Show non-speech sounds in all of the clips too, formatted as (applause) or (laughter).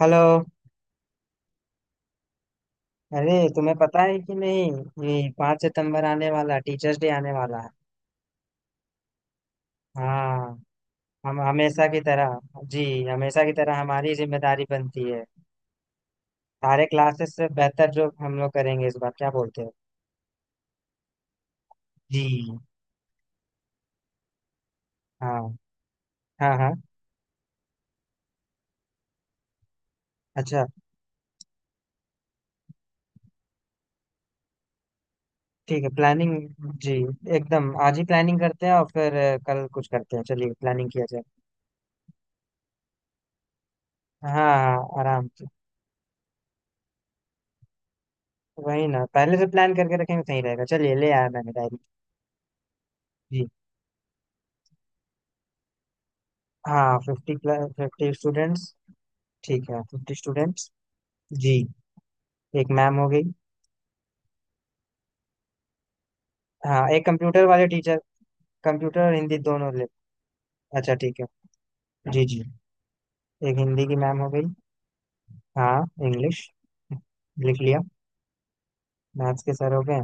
Hello. अरे, तुम्हें पता है कि नहीं? ये 5 सितंबर आने वाला टीचर्स डे आने वाला है। हाँ। हम हमेशा की तरह। जी। हमेशा की तरह हमारी जिम्मेदारी बनती है। सारे क्लासेस से बेहतर जो हम लोग करेंगे इस बार, क्या बोलते हो? जी। हाँ, हाँ। हाँ। अच्छा, ठीक है। प्लानिंग। जी। एकदम आज ही प्लानिंग करते हैं, और फिर कल कुछ करते हैं। चलिए, प्लानिंग किया जाए। हाँ, हाँ, आराम से। वही ना, पहले से प्लान करके रखेंगे, सही रहेगा। चलिए, ले आया मैंने डायरी। जी। हाँ, 50, 50 स्टूडेंट्स ठीक है, 50 स्टूडेंट्स। जी। एक मैम हो गई। हाँ, एक कंप्यूटर वाले टीचर। कंप्यूटर और हिंदी दोनों ले। अच्छा, ठीक है। जी, जी। एक हिंदी की मैम हो गई। हाँ, इंग्लिश। लिख लिया। मैथ्स के सर हो गए।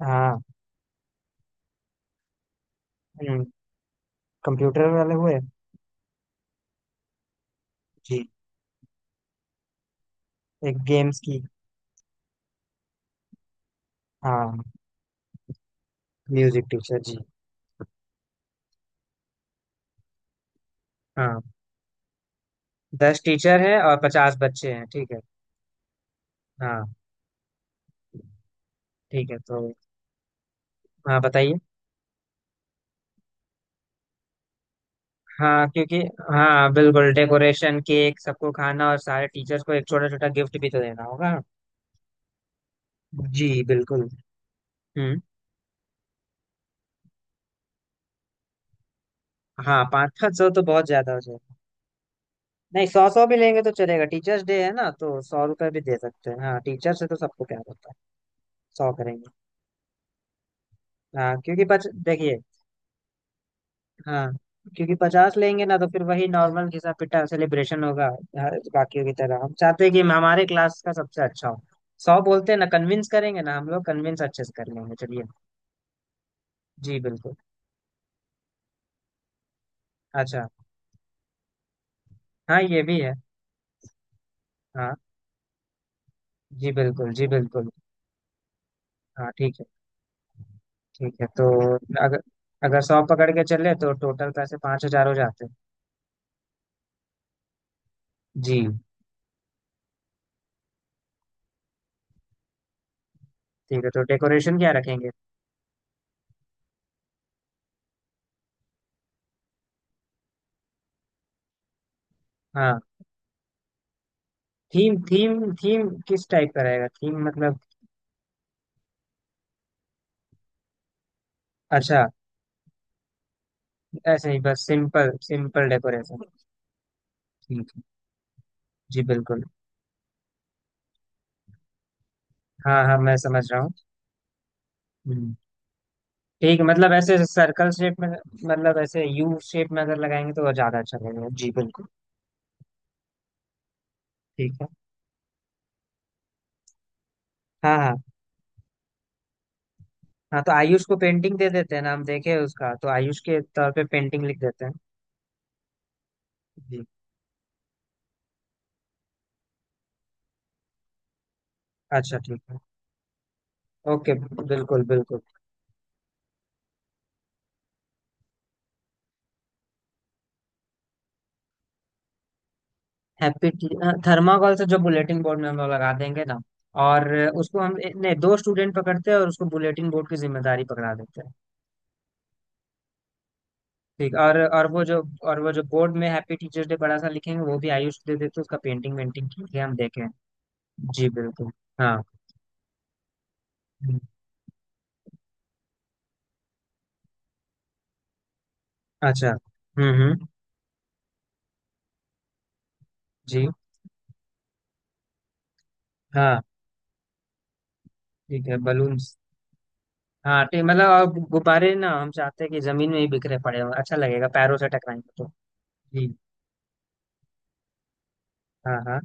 हाँ। हम्म। कंप्यूटर वाले हुए। जी। एक गेम्स की। हाँ। Music teacher. जी। हाँ, 10 टीचर हैं और 50 बच्चे हैं, ठीक है। हाँ। ठीक है, तो। हाँ, बताइए। हाँ, क्योंकि। हाँ, बिल्कुल। डेकोरेशन, केक, सबको खाना, और सारे टीचर्स को एक छोटा छोटा गिफ्ट भी तो देना होगा। जी, बिल्कुल। हम्म। हाँ, 500, 500 तो बहुत ज्यादा हो जाएगा। नहीं, 100, 100 भी लेंगे तो चलेगा। टीचर्स डे है ना, तो 100 रुपये भी दे सकते हैं। हाँ, टीचर से तो सबको क्या होता है? 100 करेंगे। हाँ, क्योंकि पच देखिए। हाँ, क्योंकि 50 लेंगे ना तो फिर वही नॉर्मल घिसा पिटा सेलिब्रेशन होगा। बाकियों की तरह हम चाहते हैं कि हमारे क्लास का सबसे अच्छा हो। 100 बोलते हैं ना, कन्विंस करेंगे ना, हम लोग कन्विंस अच्छे से कर लेंगे, चलिए। जी, बिल्कुल। अच्छा, हाँ, ये भी है। हाँ। जी, बिल्कुल। जी, बिल्कुल। हाँ, ठीक है। ठीक है, तो। अगर, 100 पकड़ के चले तो टोटल पैसे 5,000 हो जाते हैं। जी। ठीक है, तो डेकोरेशन क्या रखेंगे? हाँ। थीम, थीम, थीम किस टाइप का रहेगा, थीम मतलब। अच्छा। ऐसे ही बस सिंपल सिंपल डेकोरेशन। ठीक है। जी, बिल्कुल। हाँ, हाँ, मैं समझ रहा हूँ। हम्म। ठीक है, मतलब ऐसे सर्कल शेप में, मतलब ऐसे यू शेप में अगर लगाएंगे तो वो ज्यादा अच्छा लगेगा। जी, बिल्कुल। ठीक है। हाँ, हाँ। हाँ, तो आयुष को पेंटिंग दे देते हैं। नाम देखे उसका, तो आयुष के तौर पे पेंटिंग लिख देते हैं। जी। अच्छा, ठीक है। ओके। बिल्कुल, बिल्कुल। हैप्पी। थर्माकोल से जो बुलेटिन बोर्ड में हम लोग लगा देंगे ना। और, उसको हम नहीं, दो स्टूडेंट पकड़ते हैं और उसको बुलेटिन बोर्ड की जिम्मेदारी पकड़ा देते हैं। ठीक। और वो जो बोर्ड में हैप्पी टीचर्स डे बड़ा सा लिखेंगे वो भी आयुष दे देते हैं, उसका पेंटिंग वेंटिंग की है हम देखें। जी, बिल्कुल। हाँ। हम्म। अच्छा। हम्म, हम्म। जी। हाँ, ठीक है। बलून। हाँ, ठीक। मतलब अब गुब्बारे ना, हम चाहते हैं कि जमीन में ही बिखरे पड़े हों, अच्छा लगेगा पैरों से टकराएंगे तो। जी। हाँ, हाँ।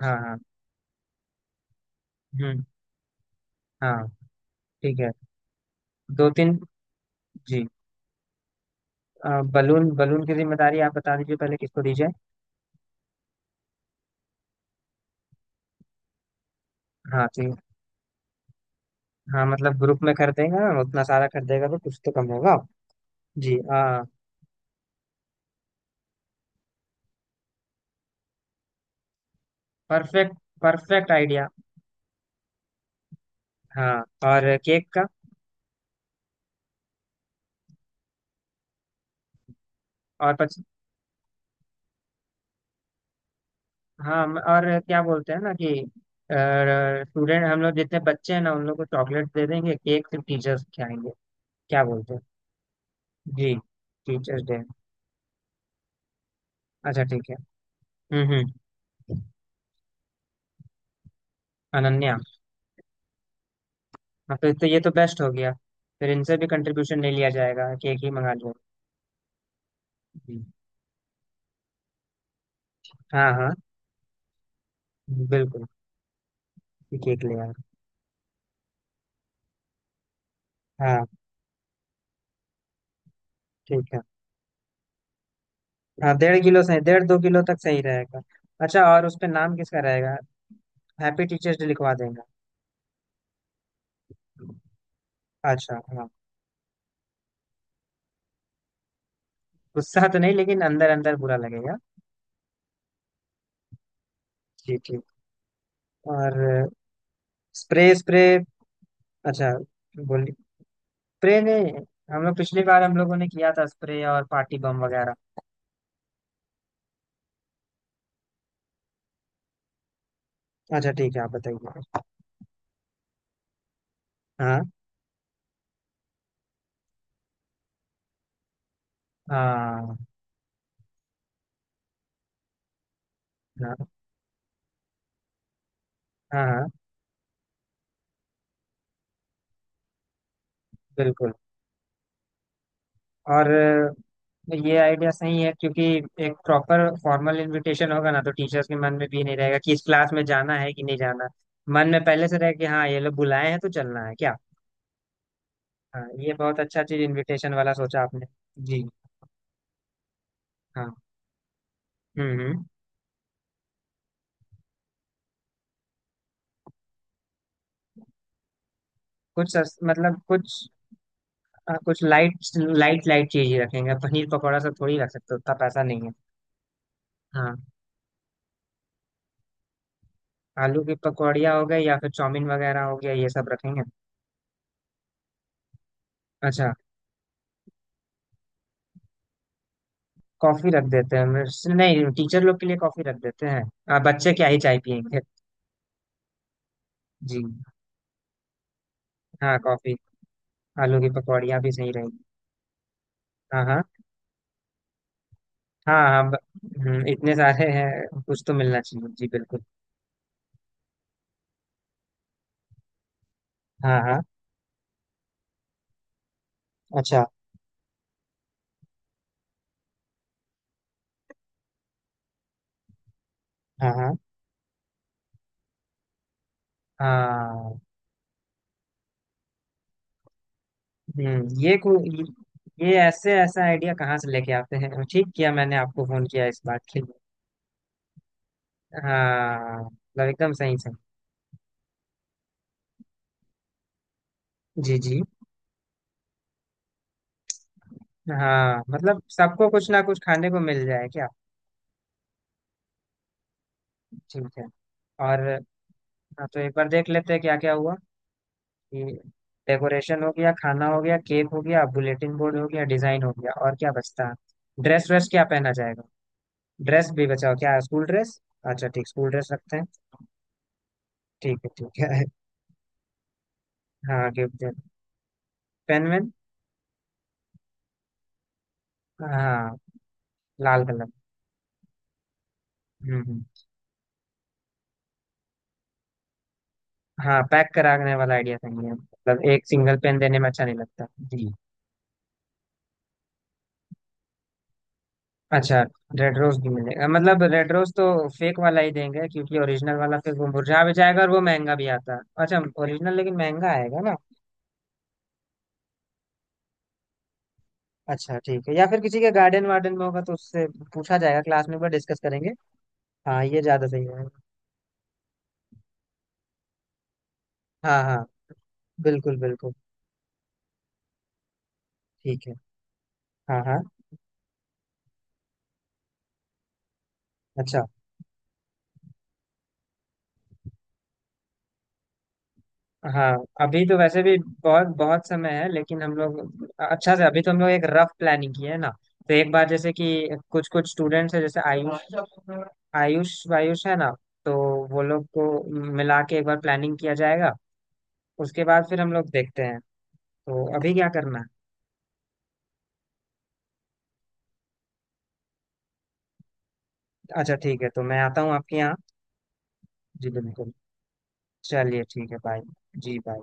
हाँ। हाँ। हम्म। हाँ। ठीक है, दो तीन। जी। अ, बलून बलून की जिम्मेदारी आप बता दीजिए, पहले किसको दीजिए? हाँ, ठीक। हाँ, मतलब ग्रुप में कर देगा, उतना सारा कर देगा तो कुछ तो कम होगा। जी, हाँ। परफेक्ट। Perfect idea. हाँ। और केक का। और पच, हाँ, और क्या बोलते हैं ना कि स्टूडेंट, हम लोग जितने बच्चे हैं ना उन लोग को चॉकलेट दे देंगे, केक सिर्फ टीचर्स खिलाएंगे। क्या बोलते हैं? जी। Teachers day. अच्छा, ठीक है। हम्म, हम्म। अनन्या। हाँ, फिर तो ये तो बेस्ट हो गया। फिर इनसे भी कंट्रीब्यूशन नहीं लिया जाएगा, केक ही मंगा लिया। जी। हाँ, हाँ। बिल्कुल। केक ले आए। हाँ। ठीक है। हाँ, 1.5 किलो सही, 1.5-2 किलो तक सही रहेगा। अच्छा, और उस पे नाम किसका रहेगा? हैप्पी टीचर्स डे लिखवा देंगे। अच्छा, हाँ, गुस्सा तो नहीं लेकिन अंदर अंदर बुरा लगेगा। जी, ठीक। और स्प्रे, स्प्रे। अच्छा। बोल। स्प्रे ने, हम लोग पिछली बार हम लोगों ने किया था स्प्रे और पार्टी बम वगैरह। अच्छा, ठीक है, आप बताइए। हाँ। हाँ। हाँ, हाँ। हाँ, बिल्कुल। और ये आइडिया सही है, क्योंकि एक प्रॉपर फॉर्मल इनविटेशन होगा ना, तो टीचर्स के मन में भी नहीं रहेगा कि इस क्लास में जाना है कि नहीं जाना। मन में पहले से रहे कि हाँ ये लोग बुलाए हैं तो चलना है क्या? हाँ, ये बहुत अच्छा चीज इनविटेशन वाला सोचा आपने। जी। हाँ। हम्म, हम्म। मतलब कुछ, हाँ, कुछ लाइट, लाइट, लाइट चीज ही रखेंगे। पनीर पकौड़ा सब थोड़ी रख सकते, उतना पैसा नहीं है। हाँ। आलू की पकौड़िया हो गए, या फिर चाउमीन वगैरह हो गया, ये सब रखेंगे। अच्छा। कॉफी रख देते हैं, नहीं, टीचर लोग के लिए कॉफी रख देते हैं। बच्चे क्या ही चाय पियेंगे। जी, हाँ, कॉफी। आलू की पकौड़िया भी सही रहेगी। हाँ, हाँ। हाँ, हाँ, इतने सारे हैं कुछ तो मिलना चाहिए। जी, बिल्कुल। हाँ, हाँ। अच्छा। हाँ, हाँ। हाँ। ये को ये ऐसे ऐसा आइडिया कहाँ से लेके आते हैं? ठीक किया मैंने आपको फोन किया इस बात के लिए। हाँ, मतलब एकदम सही, सही। जी, जी। हाँ, मतलब सबको कुछ ना कुछ खाने को मिल जाए क्या? ठीक है। और, हाँ, तो एक बार देख लेते हैं क्या क्या हुआ कि डेकोरेशन हो गया, खाना हो गया, केक हो गया, बुलेटिन बोर्ड हो गया, डिजाइन हो गया, और क्या बचता है? ड्रेस व्रेस क्या पहना जाएगा? ड्रेस भी बचाओ क्या, स्कूल ड्रेस। अच्छा, ठीक, स्कूल ड्रेस रखते हैं। ठीक है, ठीक है। (laughs) हाँ, गिफ्ट। पेन वेन। हाँ, लाल कलर। हम्म, हाँ, पैक कराने वाला आइडिया सही है, मतलब एक सिंगल पेन देने में अच्छा नहीं लगता। जी। अच्छा। रेड रोज भी मिलेगा, मतलब रेड रोज तो फेक वाला ही देंगे क्योंकि ओरिजिनल वाला फिर वो मुरझा भी जाएगा और वो महंगा भी आता है। अच्छा, ओरिजिनल लेकिन महंगा आएगा ना? अच्छा, ठीक है, या फिर किसी के गार्डन वार्डन में होगा तो उससे पूछा जाएगा, क्लास में एक बार डिस्कस करेंगे। हाँ, ये ज्यादा सही रहेगा। हाँ, हाँ। बिल्कुल, बिल्कुल। ठीक है। हाँ, हाँ। अच्छा, हाँ। अभी तो वैसे भी बहुत बहुत समय है, लेकिन हम लोग अच्छा से, अभी तो हम लोग एक रफ प्लानिंग की है ना। तो एक बार जैसे कि कुछ कुछ स्टूडेंट्स है जैसे आयुष, आयुष वायुष है ना। तो वो लोग को मिला के एक बार प्लानिंग किया जाएगा। उसके बाद फिर हम लोग देखते हैं। तो अभी क्या करना है? अच्छा, ठीक है, तो मैं आता हूँ आपके यहाँ। जी, बिल्कुल। चलिए, ठीक है, बाय। जी, बाय।